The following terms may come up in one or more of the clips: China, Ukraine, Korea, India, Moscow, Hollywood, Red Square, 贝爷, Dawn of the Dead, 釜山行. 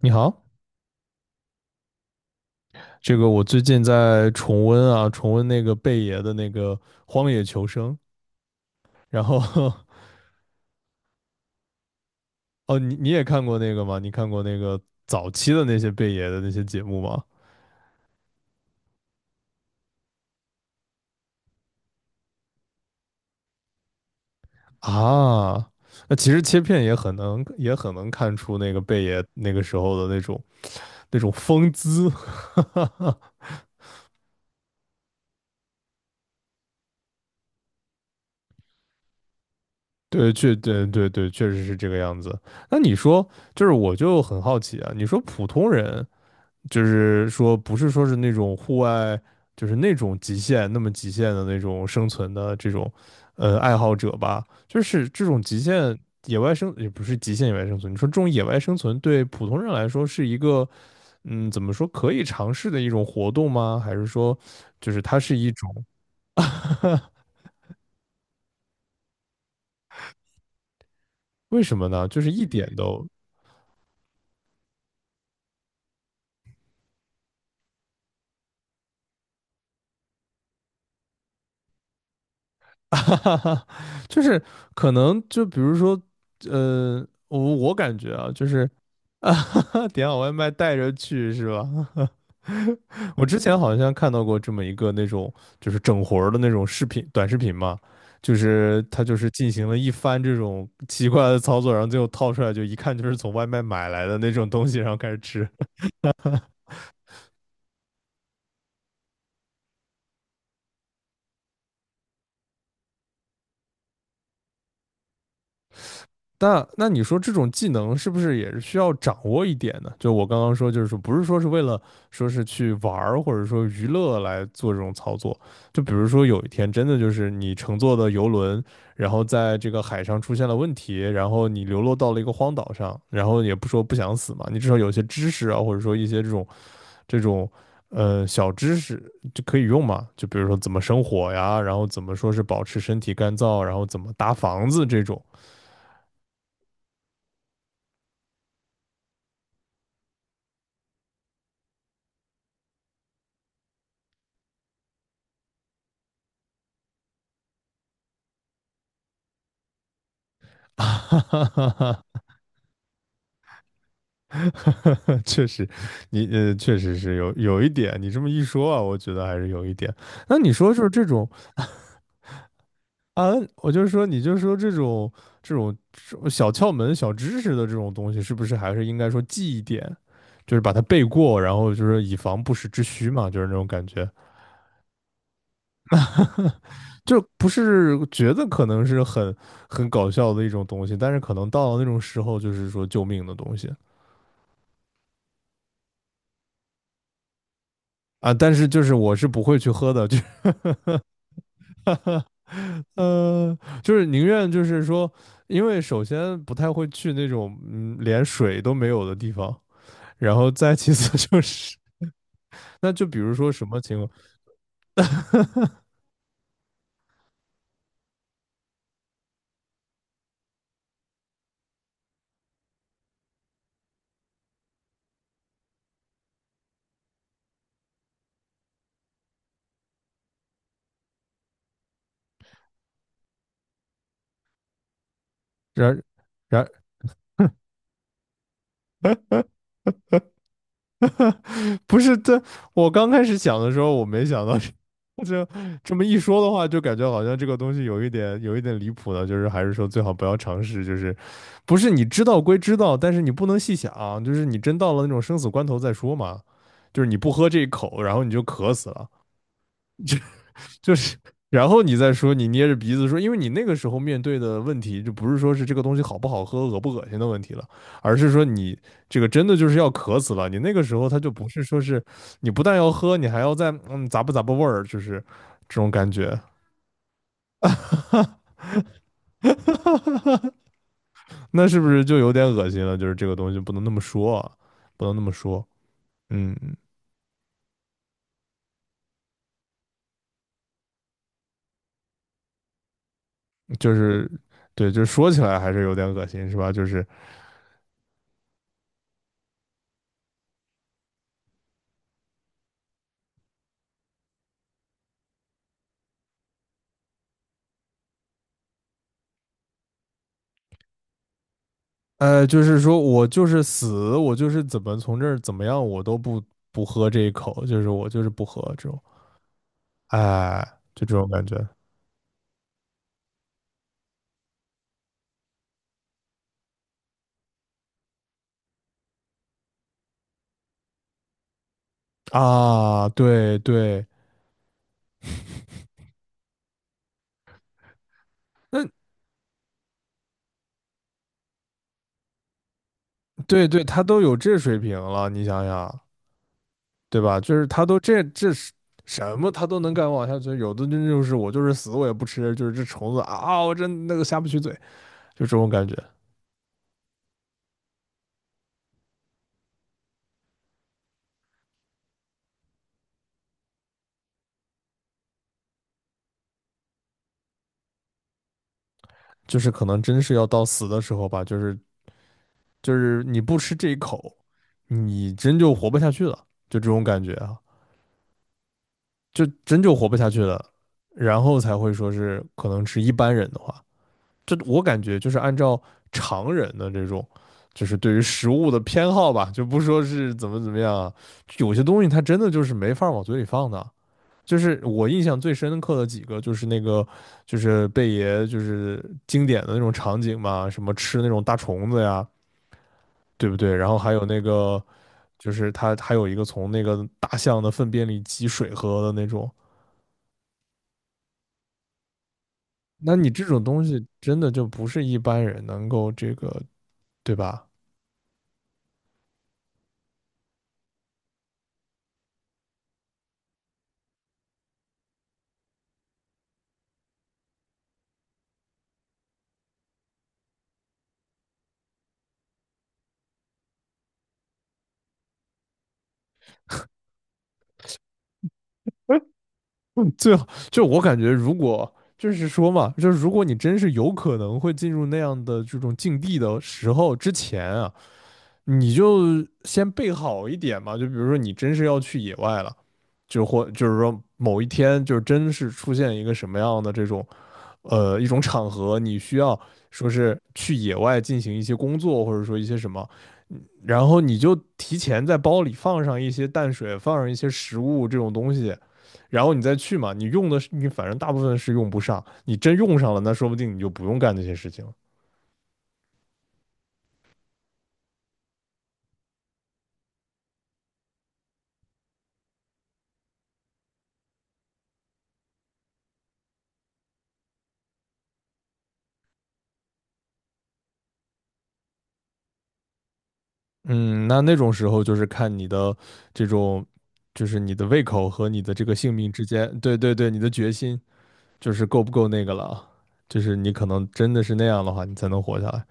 你好，这个我最近在重温啊，重温那个贝爷的那个《荒野求生》，然后 哦，你也看过那个吗？你看过那个早期的那些贝爷的那些节目吗？啊，那其实切片也很能看出那个贝爷那个时候的那种风姿，对，确对对对，确实是这个样子。那你说，就是我就很好奇啊，你说普通人就是说不是说是那种户外，就是那种极限那么极限的那种生存的这种，爱好者吧，就是这种极限野外生也不是极限野外生存，你说这种野外生存对普通人来说是一个，嗯，怎么说可以尝试的一种活动吗？还是说，就是它是一种 为什么呢？就是一点都 哈哈，就是可能就比如说，我感觉啊，就是 啊点好外卖带着去是吧？我之前好像看到过这么一个那种就是整活儿的那种视频短视频嘛，就是他就是进行了一番这种奇怪的操作，然后最后套出来就一看就是从外卖买来的那种东西，然后开始吃。那你说这种技能是不是也是需要掌握一点呢？就我刚刚说，就是说不是说是为了说是去玩儿或者说娱乐来做这种操作，就比如说有一天真的就是你乘坐的游轮，然后在这个海上出现了问题，然后你流落到了一个荒岛上，然后也不说不想死嘛，你至少有些知识啊，或者说一些这种这种呃小知识就可以用嘛，就比如说怎么生火呀，然后怎么说是保持身体干燥，然后怎么搭房子这种。啊，哈 确实，你确实是有一点，你这么一说啊，我觉得还是有一点。那你说就是这种 啊，我就是说，你就说这种小窍门、小知识的这种东西，是不是还是应该说记一点，就是把它背过，然后就是以防不时之需嘛，就是那种感觉，就不是觉得可能是很搞笑的一种东西，但是可能到了那种时候，就是说救命的东西。啊，但是就是我是不会去喝的，就 哈，就是宁愿就是说，因为首先不太会去那种嗯连水都没有的地方，然后再其次就是，那就比如说什么情况，然然不是这，我刚开始想的时候，我没想到这这么一说的话，就感觉好像这个东西有一点离谱的，就是还是说最好不要尝试，就是不是你知道归知道，但是你不能细想，就是你真到了那种生死关头再说嘛，就是你不喝这一口，然后你就渴死了。就是然后你再说你捏着鼻子说，因为你那个时候面对的问题就不是说是这个东西好不好喝、恶不恶心的问题了，而是说你这个真的就是要渴死了。你那个时候他就不是说是你不但要喝，你还要再咂吧咂吧味儿，就是这种感觉，那是不是就有点恶心了？就是这个东西不能那么说啊，不能那么说，嗯，就是对，就是说起来还是有点恶心，是吧？就是就是说我就是死，我就是怎么从这儿怎么样，我都不喝这一口，就是我就是不喝这种，哎，就这种感觉啊，对对，那对对，他都有这水平了，你想想，对吧？就是他都这是什么，他都能敢往下去，有的真就是我就是死我也不吃，就是这虫子啊，我真那个下不去嘴，就这种感觉，就是可能真是要到死的时候吧，就是你不吃这一口，你真就活不下去了，就这种感觉啊，就真就活不下去了，然后才会说是可能是一般人的话，这我感觉就是按照常人的这种，就是对于食物的偏好吧，就不说是怎么怎么样啊有些东西它真的就是没法往嘴里放的。就是我印象最深刻的几个，就是那个，就是贝爷，就是经典的那种场景嘛，什么吃那种大虫子呀，对不对？然后还有那个就是他还有一个从那个大象的粪便里挤水喝的那种。那你这种东西真的就不是一般人能够这个，对吧？嗯，最好就我感觉，如果就是说嘛，就是如果你真是有可能会进入那样的这种境地的时候之前啊，你就先备好一点嘛。就比如说你真是要去野外了，就是说某一天就是真是出现一个什么样的这种呃一种场合，你需要说是去野外进行一些工作，或者说一些什么，然后你就提前在包里放上一些淡水，放上一些食物这种东西，然后你再去嘛。你用的是你反正大部分是用不上，你真用上了，那说不定你就不用干那些事情了。嗯，那那种时候就是看你的这种，就是你的胃口和你的这个性命之间，你的决心就是够不够那个了啊就是你可能真的是那样的话，你才能活下来。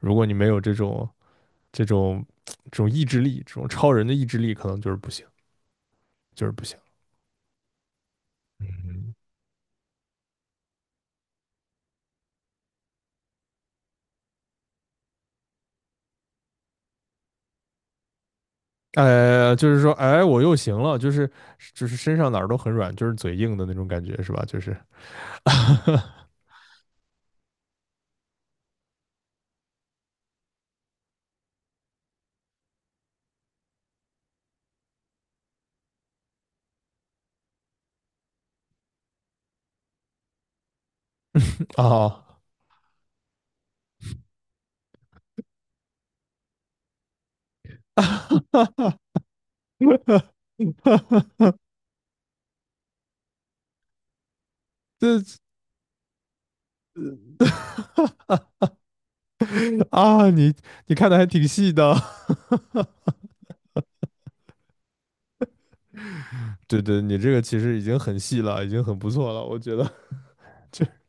如果你没有这种这种意志力，这种超人的意志力，可能就是不行，就是不行。嗯，哎，就是说，哎，我又行了，身上哪儿都很软，就是嘴硬的那种感觉，是吧？就是啊，哦哈哈哈哈 这啊，你看的还挺细的，对对，你这个其实已经很细了，已经很不错了，我觉得就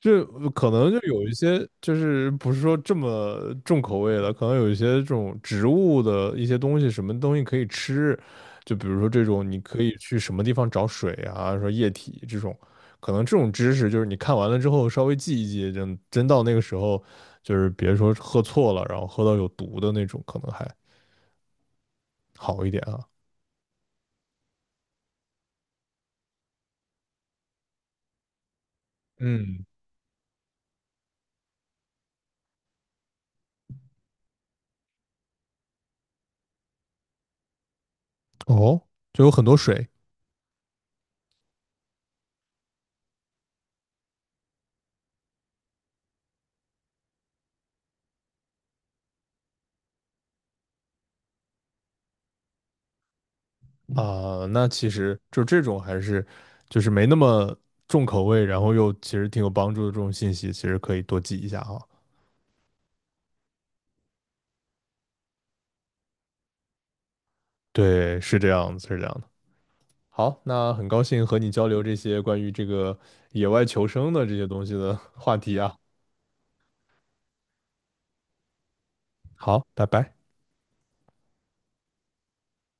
就可能就有一些，就是不是说这么重口味的，可能有一些这种植物的一些东西，什么东西可以吃，就比如说这种，你可以去什么地方找水啊，说液体这种，可能这种知识就是你看完了之后稍微记一记，就真到那个时候，就是别说喝错了，然后喝到有毒的那种，可能还好一点啊。嗯，哦，就有很多水。啊，那其实就这种还是就是没那么重口味，然后又其实挺有帮助的这种信息，其实可以多记一下哈。对，是这样子，是这样的。好，那很高兴和你交流这些关于这个野外求生的这些东西的话题啊。好，拜拜。